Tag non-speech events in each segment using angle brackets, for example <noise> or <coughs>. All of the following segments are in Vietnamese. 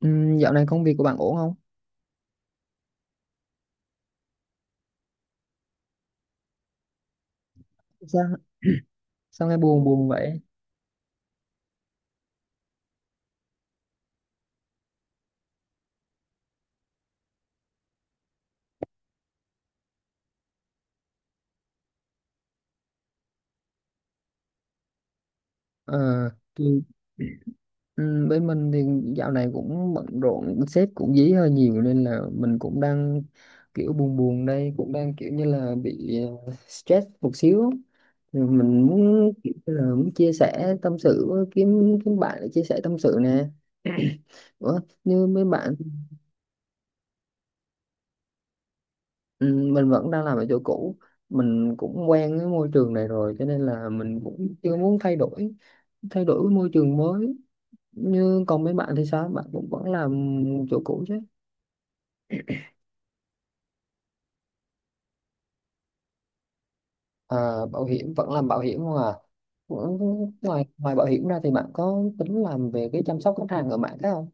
Dạo này công việc của bạn ổn không? Sao, sao nghe buồn buồn vậy? Ờ, tôi, Bên mình thì dạo này cũng bận rộn, sếp cũng dí hơi nhiều nên là mình cũng đang kiểu buồn buồn đây, cũng đang kiểu như là bị stress một xíu. Thì mình muốn kiểu như là muốn chia sẻ tâm sự với kiếm kiếm bạn để chia sẻ tâm sự nè. <coughs> <clears throat> Ủa, như mấy bạn. Mình vẫn đang làm ở chỗ cũ, mình cũng quen với môi trường này rồi cho nên là mình cũng chưa muốn thay đổi cái môi trường mới. Như còn mấy bạn thì sao, bạn cũng vẫn làm chỗ cũ chứ? À, bảo hiểm vẫn làm bảo hiểm không à? Cũng- ngoài ngoài bảo hiểm ra thì bạn có tính làm về cái chăm sóc khách hàng ở mạng khác không?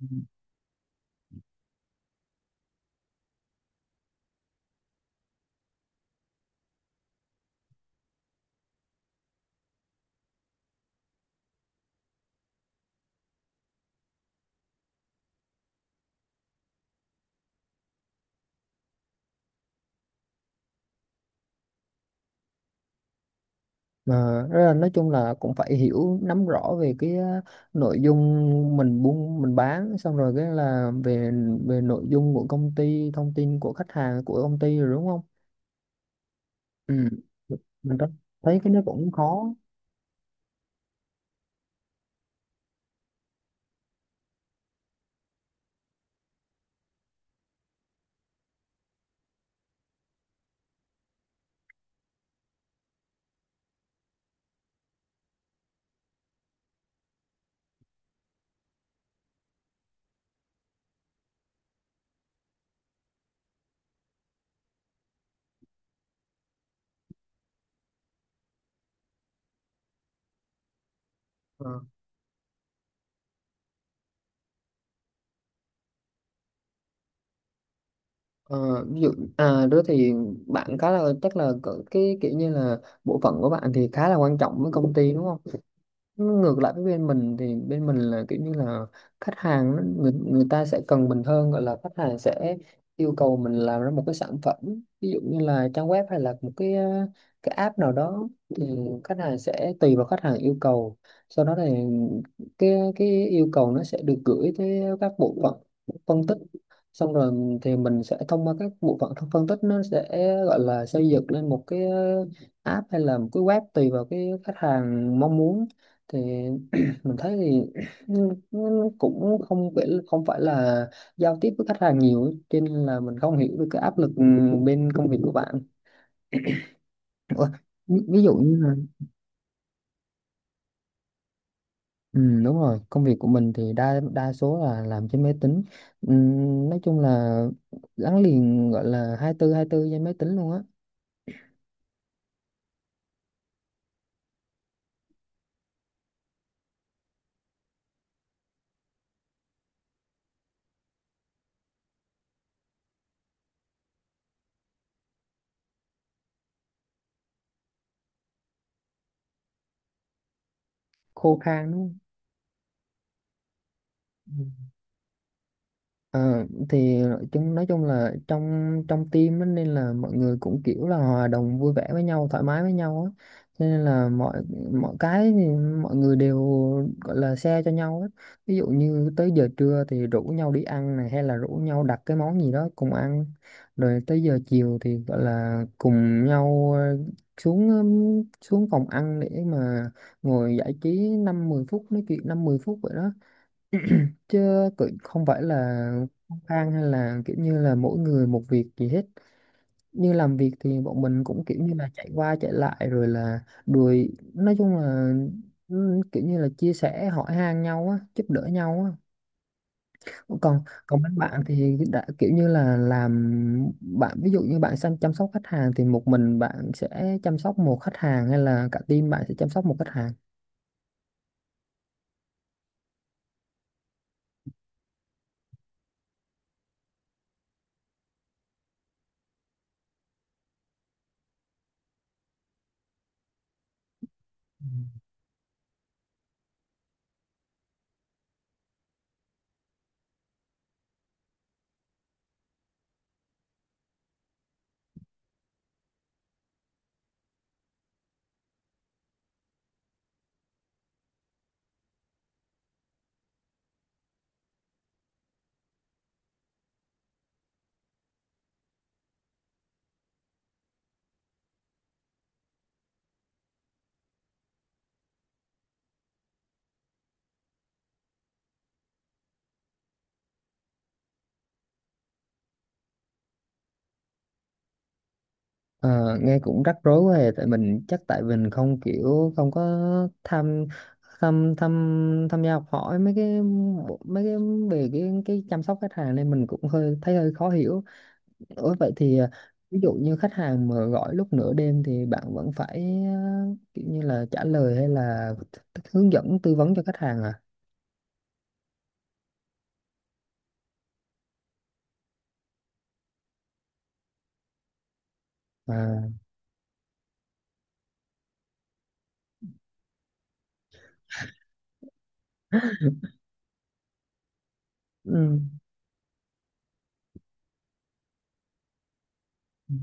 Ừ. Mà rất là nói chung là cũng phải hiểu nắm rõ về cái nội dung mình buôn mình bán, xong rồi cái là về về nội dung của công ty, thông tin của khách hàng của công ty rồi, đúng không? Ừ. Mình rất thấy cái nó cũng khó. Ờ, Ví dụ à đó thì bạn khá là chắc là cái kiểu như là bộ phận của bạn thì khá là quan trọng với công ty đúng không? Ngược lại với bên mình thì bên mình là kiểu như là khách hàng người ta sẽ cần mình hơn, gọi là khách hàng sẽ yêu cầu mình làm ra một cái sản phẩm, ví dụ như là trang web hay là một cái cái app nào đó. Thì khách hàng sẽ tùy vào khách hàng yêu cầu, sau đó thì cái yêu cầu nó sẽ được gửi tới các bộ phận phân tích, xong rồi thì mình sẽ thông qua các bộ phận phân tích, nó sẽ gọi là xây dựng lên một cái app hay là một cái web tùy vào cái khách hàng mong muốn. Thì <clears throat> Mình thấy thì <clears throat> nó cũng không phải là giao tiếp với khách hàng nhiều ấy, cho nên là mình không hiểu được cái áp lực bên công việc của bạn. Ủa, ví dụ như là. Ừ, đúng rồi, công việc của mình thì đa đa số là làm trên máy tính. ừ, nói chung là gắn liền gọi là 24/24 trên máy tính luôn á. Khô khan đúng không? Ừ. Ờ, thì chúng nói chung là trong trong team á, nên là mọi người cũng kiểu là hòa đồng vui vẻ với nhau, thoải mái với nhau á. Cho nên là mọi mọi cái thì mọi người đều gọi là share cho nhau á, ví dụ như tới giờ trưa thì rủ nhau đi ăn này hay là rủ nhau đặt cái món gì đó cùng ăn, rồi tới giờ chiều thì gọi là cùng nhau ờ, xuống xuống phòng ăn để mà ngồi giải trí năm mười phút, nói chuyện năm mười phút vậy đó. Chứ cũng không phải là khăng khăng hay là kiểu như là mỗi người một việc gì hết. Như làm việc thì bọn mình cũng kiểu như là chạy qua chạy lại rồi là đuổi, nói chung là kiểu như là chia sẻ hỏi han nhau á, giúp đỡ nhau á. Còn còn bên bạn thì đã kiểu như là làm, bạn ví dụ như bạn sang chăm sóc khách hàng thì một mình bạn sẽ chăm sóc một khách hàng hay là cả team bạn sẽ chăm sóc một khách hàng? Ờ, Nghe cũng rắc rối quá à, tại mình chắc tại mình không kiểu không có tham tham tham tham gia học hỏi mấy cái mấy cái về cái chăm sóc khách hàng nên mình cũng hơi thấy hơi khó hiểu. Ủa vậy thì ví dụ như khách hàng mà gọi lúc nửa đêm thì bạn vẫn phải kiểu như là trả lời hay là hướng dẫn tư vấn cho khách hàng à? À. Ừ. Ừ.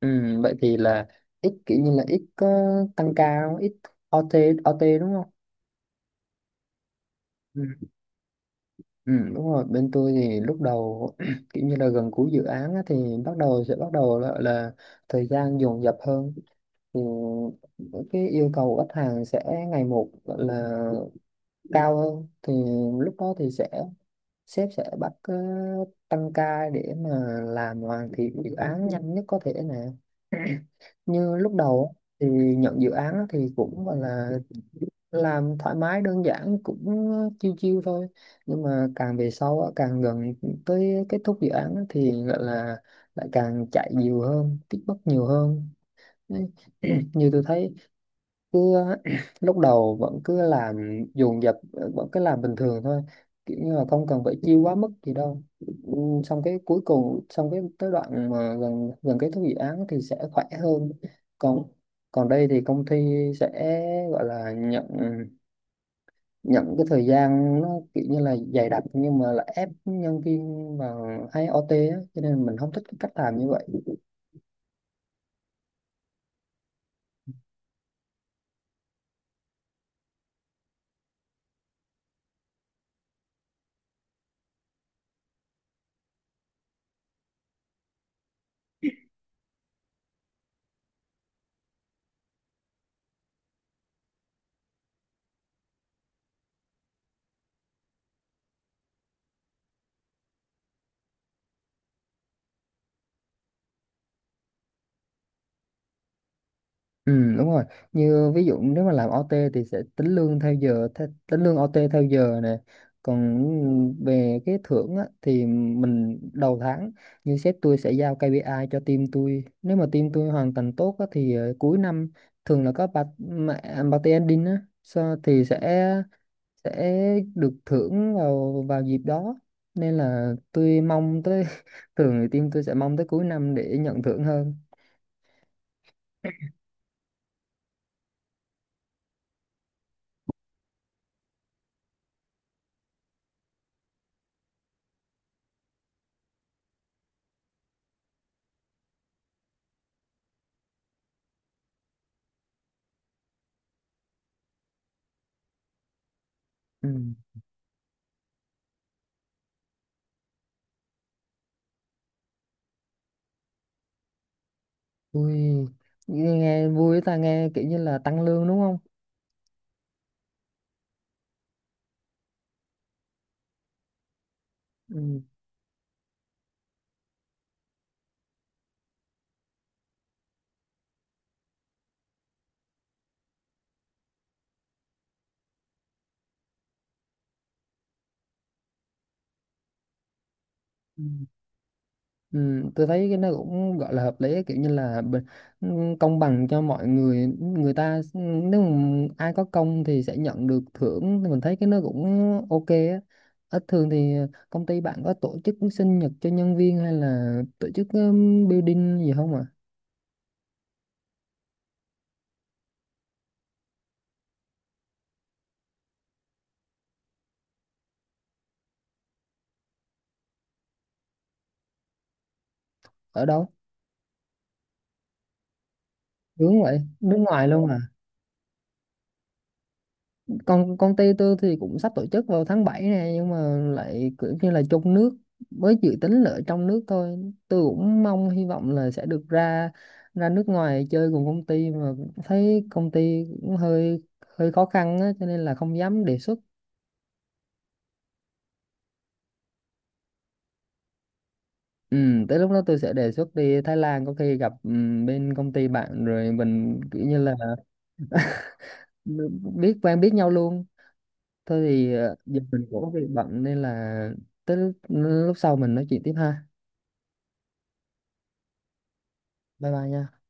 Ừ, vậy thì là ít kiểu như là ít có tăng ca không? Ít OT, OT đúng không? Ừ. Ừ, đúng rồi bên tôi thì lúc đầu, <clears throat> kiểu như là gần cuối dự án á, thì bắt đầu là thời gian dồn dập hơn, thì cái yêu cầu của khách hàng sẽ ngày một gọi là cao hơn, thì lúc đó thì sếp sẽ bắt tăng ca để mà làm hoàn thiện dự án nhanh nhất có thể nè. <clears throat> Như lúc đầu á, thì nhận dự án á thì cũng gọi là làm thoải mái đơn giản, cũng chiêu chiêu thôi, nhưng mà càng về sau á, càng gần tới kết thúc dự án á, thì gọi là lại càng chạy nhiều hơn, feedback nhiều hơn. Đấy. <clears throat> Như tôi thấy cứ <clears throat> lúc đầu vẫn cứ làm dồn dập, vẫn cứ làm bình thường thôi, kiểu như là không cần phải chiêu quá mức gì đâu. Ừ, xong cái cuối cùng, xong cái tới đoạn mà gần gần kết thúc dự án thì sẽ khỏe hơn. Còn còn đây thì công ty sẽ gọi là nhận nhận cái thời gian nó kiểu như là dày đặc, nhưng mà là ép nhân viên vào hay OT á cho nên mình không thích cái cách làm như vậy. Ừ đúng rồi, như ví dụ nếu mà làm OT thì sẽ tính lương theo giờ, tính lương OT theo giờ nè. Còn về cái thưởng á, thì mình đầu tháng, như sếp tôi sẽ giao KPI cho team tôi, nếu mà team tôi hoàn thành tốt á, thì cuối năm thường là có party ending á so, thì sẽ được thưởng vào vào dịp đó. Nên là tôi mong tới, <laughs> thường thì team tôi sẽ mong tới cuối năm để nhận thưởng hơn. Ừ. Ui, nghe nghe vui ta, nghe kiểu như là tăng lương đúng không? Ừ. Ừ. Ừ, tôi thấy cái nó cũng gọi là hợp lý ấy, kiểu như là công bằng cho mọi người người ta nếu mà ai có công thì sẽ nhận được thưởng thì mình thấy cái nó cũng ok á. Ít thường thì công ty bạn có tổ chức sinh nhật cho nhân viên hay là tổ chức building gì không ạ à? Ở đâu? Hướng vậy, nước ngoài luôn à? Còn công ty tôi thì cũng sắp tổ chức vào tháng 7 này, nhưng mà lại kiểu như là trong nước, mới dự tính là ở trong nước thôi. Tôi cũng mong hy vọng là sẽ được ra ra nước ngoài chơi cùng công ty, mà thấy công ty cũng hơi hơi khó khăn á cho nên là không dám đề xuất. Ừ, tới lúc đó tôi sẽ đề xuất đi Thái Lan, có khi gặp bên công ty bạn rồi mình kiểu như là biết quen biết nhau luôn. Thôi thì giờ mình cũng có việc bận nên là tới lúc sau mình nói chuyện tiếp ha. Bye bye nha.